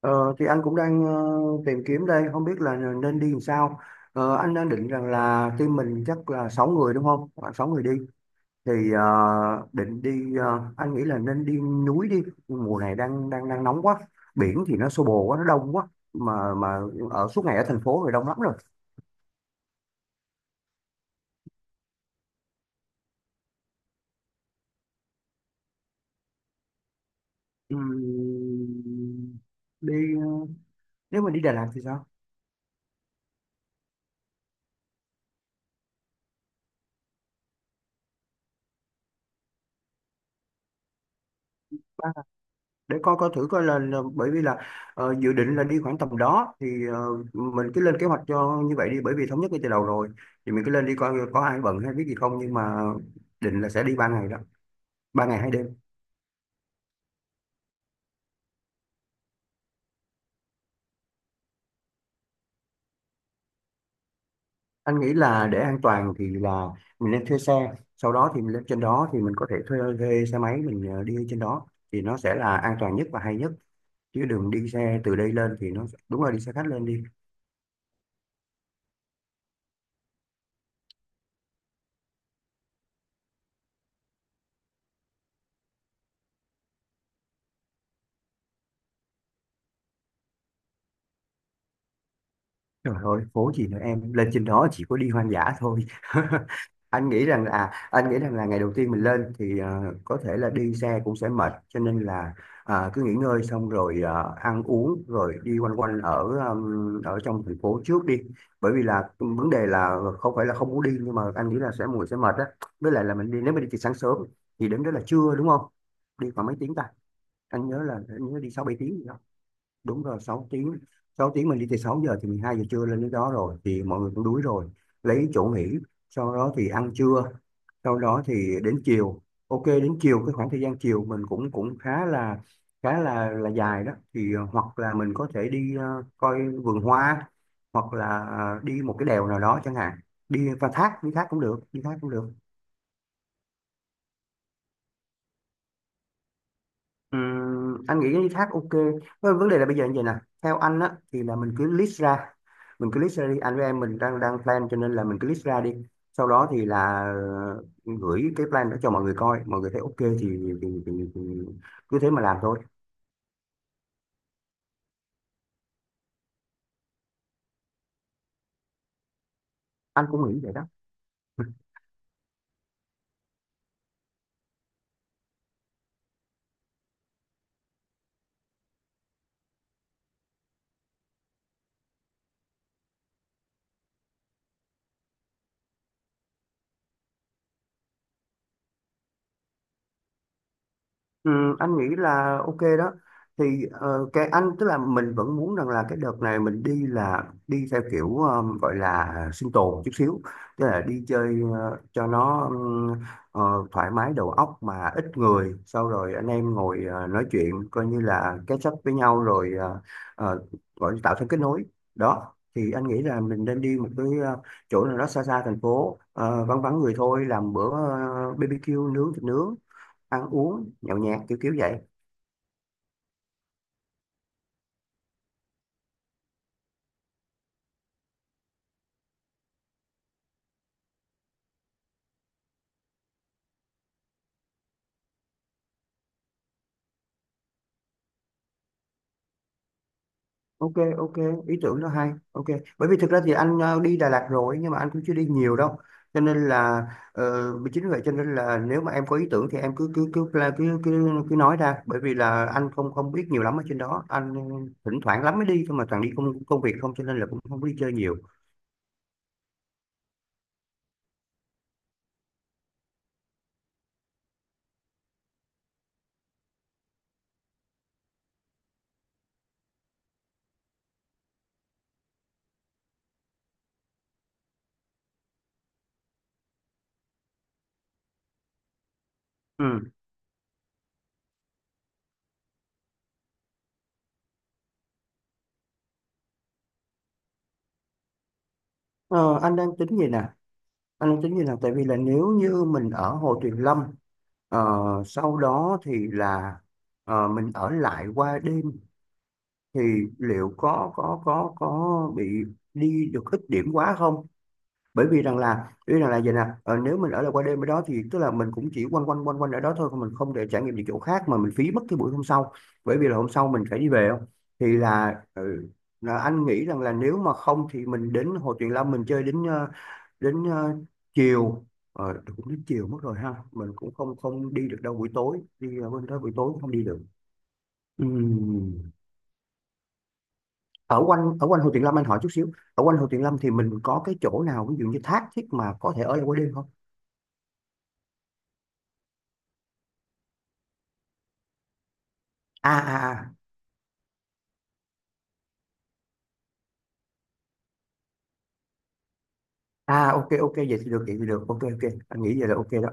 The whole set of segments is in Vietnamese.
Ờ, thì anh cũng đang tìm kiếm đây, không biết là nên đi làm sao. Anh đang định rằng là team mình chắc là 6 người đúng không? Khoảng 6 người đi. Thì định đi, anh nghĩ là nên đi núi đi. Mùa này đang đang đang nóng quá. Biển thì nó xô bồ quá, nó đông quá. Mà ở suốt ngày ở thành phố rồi đông lắm rồi. Ừm, Đi ờ, nếu mà đi Đà Lạt thì sao? Để coi coi thử coi là bởi vì là dự định là đi khoảng tầm đó thì mình cứ lên kế hoạch cho như vậy đi bởi vì thống nhất ngay từ đầu rồi thì mình cứ lên đi coi có ai bận hay biết gì không, nhưng mà định là sẽ đi ba ngày đó, ba ngày hai đêm. Anh nghĩ là để an toàn thì là mình nên thuê xe, sau đó thì mình lên trên đó thì mình có thể thuê xe máy mình đi trên đó thì nó sẽ là an toàn nhất và hay nhất, chứ đừng đi xe từ đây lên thì nó, đúng là đi xe khách lên đi. Trời ơi, phố gì nữa em, lên trên đó chỉ có đi hoang dã thôi. Anh nghĩ rằng là anh nghĩ rằng là ngày đầu tiên mình lên thì có thể là đi xe cũng sẽ mệt, cho nên là cứ nghỉ ngơi xong rồi ăn uống rồi đi quanh quanh ở ở trong thành phố trước đi. Bởi vì là vấn đề là không phải là không muốn đi nhưng mà anh nghĩ là sẽ mùi sẽ mệt á. Với lại là mình đi, nếu mình đi từ sáng sớm thì đến đó là trưa đúng không? Đi khoảng mấy tiếng ta? Anh nhớ là anh nhớ đi 6 7 tiếng gì đó. Đúng rồi, Sáu tiếng mình đi từ 6 giờ thì 12 giờ trưa lên đến đó rồi, thì mọi người cũng đuối rồi, lấy chỗ nghỉ, sau đó thì ăn trưa, sau đó thì đến chiều. Ok, đến chiều cái khoảng thời gian chiều mình cũng cũng khá là khá là dài đó, thì hoặc là mình có thể đi coi vườn hoa, hoặc là đi một cái đèo nào đó chẳng hạn, đi qua thác, đi thác cũng được. Anh nghĩ cái thác ok. Vâng, vấn đề là bây giờ như vậy nè, theo anh á thì là mình cứ list ra đi, anh với em mình đang đang plan cho nên là mình cứ list ra đi, sau đó thì là gửi cái plan đó cho mọi người coi, mọi người thấy ok thì cứ thế mà làm thôi. Anh cũng nghĩ vậy đó. Ừ, anh nghĩ là ok đó. Thì cái anh tức là mình vẫn muốn rằng là cái đợt này mình đi là đi theo kiểu gọi là sinh tồn chút xíu, tức là đi chơi cho nó ờ, thoải mái đầu óc mà ít người, sau rồi anh em ngồi nói chuyện coi như là catch up với nhau rồi ờ, gọi là tạo thêm kết nối. Đó thì anh nghĩ là mình nên đi một cái chỗ nào đó xa xa thành phố, vắng vắng người thôi, làm bữa BBQ nướng, thịt nướng, ăn uống nhậu nhẹt kiểu kiểu vậy. Ok, ok, ý tưởng đó hay, ok. Bởi vì thực ra thì anh đi Đà Lạt rồi nhưng mà anh cũng chưa đi nhiều đâu, cho nên là ờ, chính vì vậy cho nên là nếu mà em có ý tưởng thì em cứ nói ra, bởi vì là anh không không biết nhiều lắm ở trên đó, anh thỉnh thoảng lắm mới đi thôi mà toàn đi công công việc không, cho nên là cũng không có đi chơi nhiều. Ừ. Ờ, anh đang tính gì nè, tại vì là nếu như mình ở Hồ Tuyền Lâm, ờ, sau đó thì là mình ở lại qua đêm thì liệu có bị đi được ít điểm quá không, bởi vì rằng là ý rằng là vậy nè, nếu mình ở lại qua đêm ở đó thì tức là mình cũng chỉ quanh quanh ở đó thôi, còn mình không để trải nghiệm những chỗ khác mà mình phí mất cái buổi hôm sau, bởi vì là hôm sau mình phải đi về không, thì là, ừ, là anh nghĩ rằng là nếu mà không thì mình đến Hồ Tuyền Lâm mình chơi đến đến ờ, chiều, cũng đến chiều mất rồi ha, mình cũng không không đi được đâu buổi tối, đi bên đó buổi tối cũng không đi được. Ừm. Ở quanh Hồ Tuyền Lâm, anh hỏi chút xíu, ở quanh Hồ Tuyền Lâm thì mình có cái chỗ nào ví dụ như thác thiết mà có thể ở lại qua đêm không? à à à À, ok, ok, vậy thì được, ok, ok, anh nghĩ vậy là ok đó.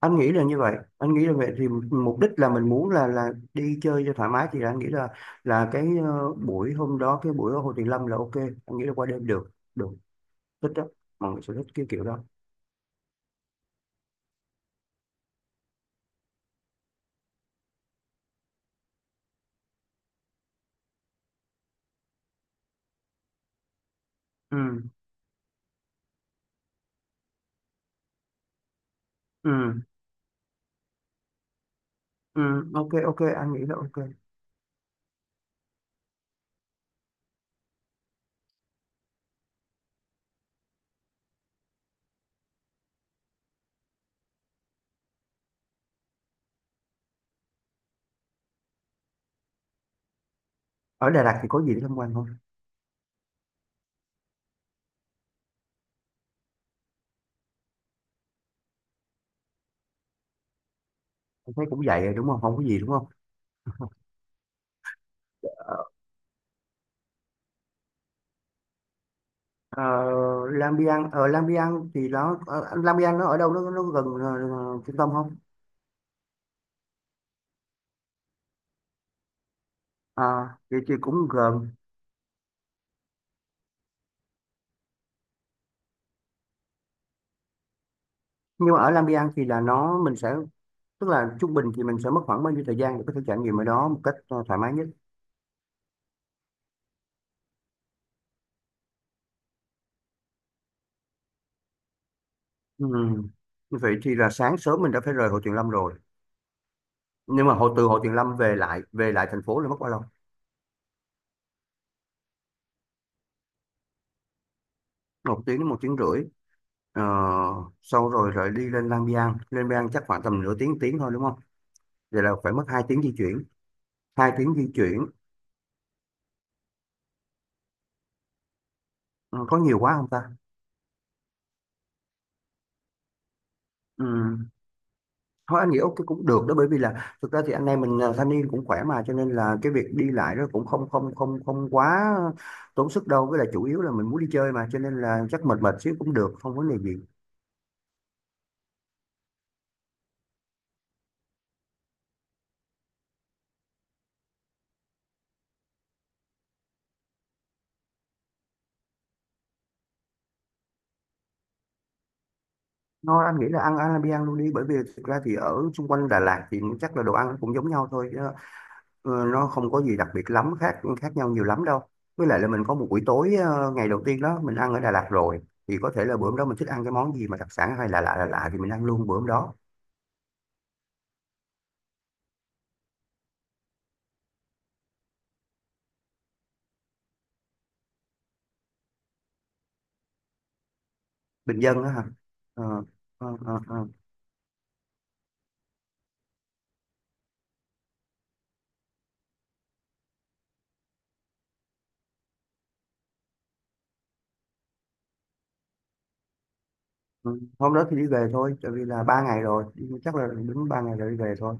Anh nghĩ là như vậy, anh nghĩ là vậy thì mục đích là mình muốn là đi chơi cho thoải mái, thì là anh nghĩ là cái buổi hôm đó, cái buổi ở Hồ Tuyền Lâm là ok, anh nghĩ là qua đêm được được, thích đó, mọi người sẽ thích cái kiểu đó. ừ ừ ừ, ok, ok, anh nghĩ là ok. Ở Đà Lạt thì có gì để tham quan không? Anh thấy cũng vậy rồi đúng không, không có gì đúng không? Ờ. Ờ, Lang Biang, ở Lang Biang thì nó Lang Biang nó ở đâu, nó gần trung tâm không? À, thì cũng gần, nhưng mà ở Lang Biang thì là nó mình sẽ, tức là trung bình thì mình sẽ mất khoảng bao nhiêu thời gian để có thể trải nghiệm ở đó một cách thoải mái nhất. Ừ. Vậy thì là sáng sớm mình đã phải rời Hồ Tuyền Lâm rồi, nhưng mà hồ từ Hồ Tuyền Lâm về lại thành phố là mất bao lâu? Một tiếng đến một tiếng rưỡi. Ờ, sau rồi rồi đi lên Lang Biang, lên Lang Biang chắc khoảng tầm nửa tiếng, tiếng thôi đúng không? Vậy là phải mất hai tiếng di chuyển. Ừ, có nhiều quá không ta. Ừ. Thôi anh nghĩ ok, cũng được đó, bởi vì là thực ra thì anh em mình thanh niên cũng khỏe mà, cho nên là cái việc đi lại đó cũng không không không không quá tốn sức đâu, với lại chủ yếu là mình muốn đi chơi mà cho nên là chắc mệt mệt xíu cũng được, không vấn đề gì. Thôi anh nghĩ là ăn ăn luôn đi, bởi vì thực ra thì ở xung quanh Đà Lạt thì chắc là đồ ăn cũng giống nhau thôi chứ, nó không có gì đặc biệt lắm, khác khác nhau nhiều lắm đâu, với lại là mình có một buổi tối ngày đầu tiên đó mình ăn ở Đà Lạt rồi, thì có thể là bữa hôm đó mình thích ăn cái món gì mà đặc sản hay là lạ lạ lạ thì mình ăn luôn bữa hôm đó. Bình Dân á hả? Ờ, ờ, ờ, ờ. Ừ, hôm đó thì đi về thôi, tại vì là ba ngày rồi, chắc là đúng ba ngày rồi đi về thôi.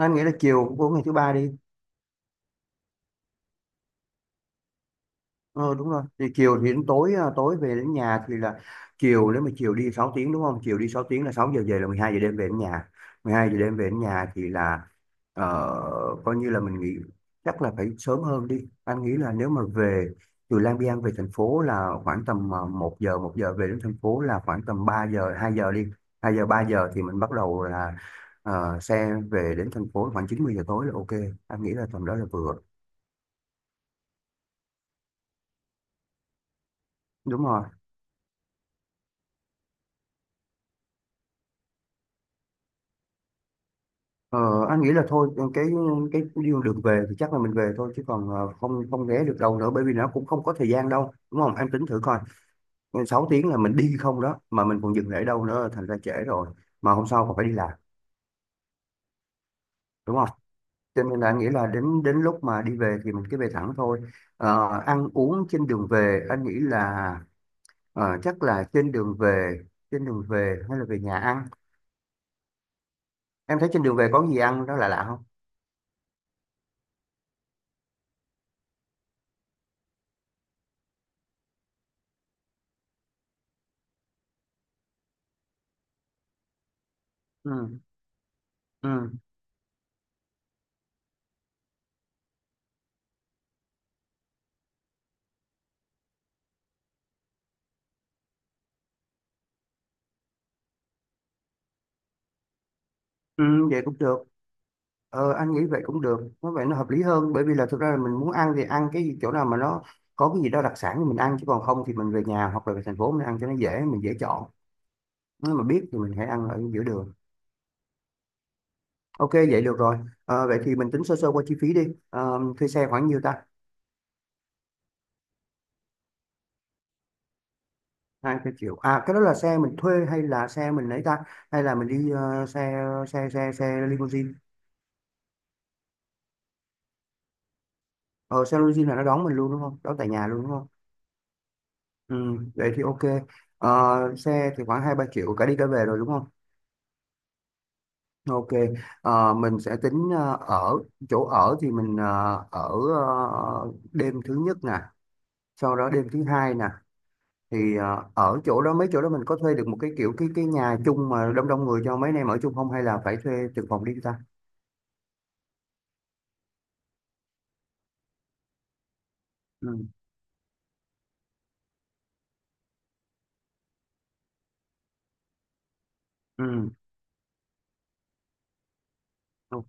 Anh nghĩ là chiều của ngày thứ ba đi. Ờ đúng rồi, thì chiều thì đến tối, tối về đến nhà thì là chiều, nếu mà chiều đi 6 tiếng đúng không, chiều đi 6 tiếng là 6 giờ về là 12 giờ đêm về đến nhà thì là ờ, coi như là mình nghỉ. Chắc là phải sớm hơn đi, anh nghĩ là nếu mà về từ Lang Biang về thành phố là khoảng tầm một giờ về đến thành phố là khoảng tầm 3 giờ, 2 giờ đi, 2 giờ 3 giờ thì mình bắt đầu là xe về đến thành phố khoảng 90 giờ tối là ok, anh nghĩ là tầm đó là vừa. Đúng rồi. Ờ, anh nghĩ là thôi cái đường đường về thì chắc là mình về thôi chứ còn không không ghé được đâu nữa, bởi vì nó cũng không có thời gian đâu đúng không, em tính thử coi, 6 tiếng là mình đi không đó mà mình còn dừng lại đâu nữa thành ra trễ rồi, mà hôm sau còn phải đi làm đúng không, cho nên là anh nghĩ là đến đến lúc mà đi về thì mình cứ về thẳng thôi. Ờ, ăn uống trên đường về, anh nghĩ là chắc là trên đường về hay là về nhà ăn? Em thấy trên đường về có gì ăn đó là lạ lạ không? ừ, ừ, ừ, vậy cũng được. Ờ, anh nghĩ vậy cũng được, nó vậy nó hợp lý hơn, bởi vì là thực ra là mình muốn ăn thì ăn cái chỗ nào mà nó có cái gì đó đặc sản thì mình ăn, chứ còn không thì mình về nhà hoặc là về thành phố mình ăn cho nó dễ, mình dễ chọn. Nếu mà biết thì mình hãy ăn ở giữa đường. Ok, vậy được rồi. Ờ, vậy thì mình tính sơ sơ qua chi phí đi. Ờ, thuê xe khoảng nhiêu ta? Hai cái triệu à? Cái đó là xe mình thuê hay là xe mình lấy ta, hay là mình đi xe xe xe xe limousine? Ờ, xe limousine là nó đón mình luôn đúng không, đón tại nhà luôn đúng không? Ừ, vậy thì ok. Ờ, xe thì khoảng hai ba triệu cả đi cả về rồi đúng không? Ok, mình sẽ tính ờ, ở chỗ ở thì mình đêm thứ nhất nè, sau đó đêm thứ hai nè, thì ở chỗ đó, mấy chỗ đó mình có thuê được một cái kiểu cái nhà chung mà đông đông người cho mấy anh em ở chung không, hay là phải thuê từng phòng riêng ta? Ừ, ừ, ok.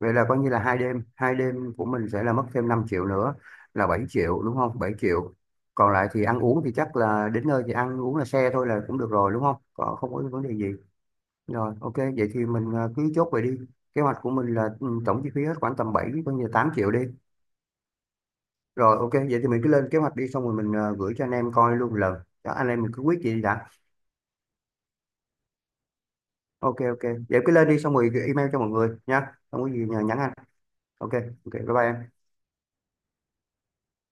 Vậy là coi như là hai đêm của mình sẽ là mất thêm 5 triệu nữa, là 7 triệu đúng không? 7 triệu. Còn lại thì ăn uống thì chắc là đến nơi thì ăn uống là xe thôi là cũng được rồi đúng không? Còn không có vấn đề gì. Rồi, ok, vậy thì mình cứ chốt vậy đi. Kế hoạch của mình là ừ, tổng chi phí hết khoảng tầm 7, coi như là 8 triệu đi. Rồi, ok, vậy thì mình cứ lên kế hoạch đi, xong rồi mình gửi cho anh em coi luôn lần. Đó, anh em mình cứ quyết gì đi đã. Ok, ok. Vậy cứ lên đi, xong rồi email cho mọi người nha. Không có gì nhờ nhắn anh. Ok, ok, bye bye em.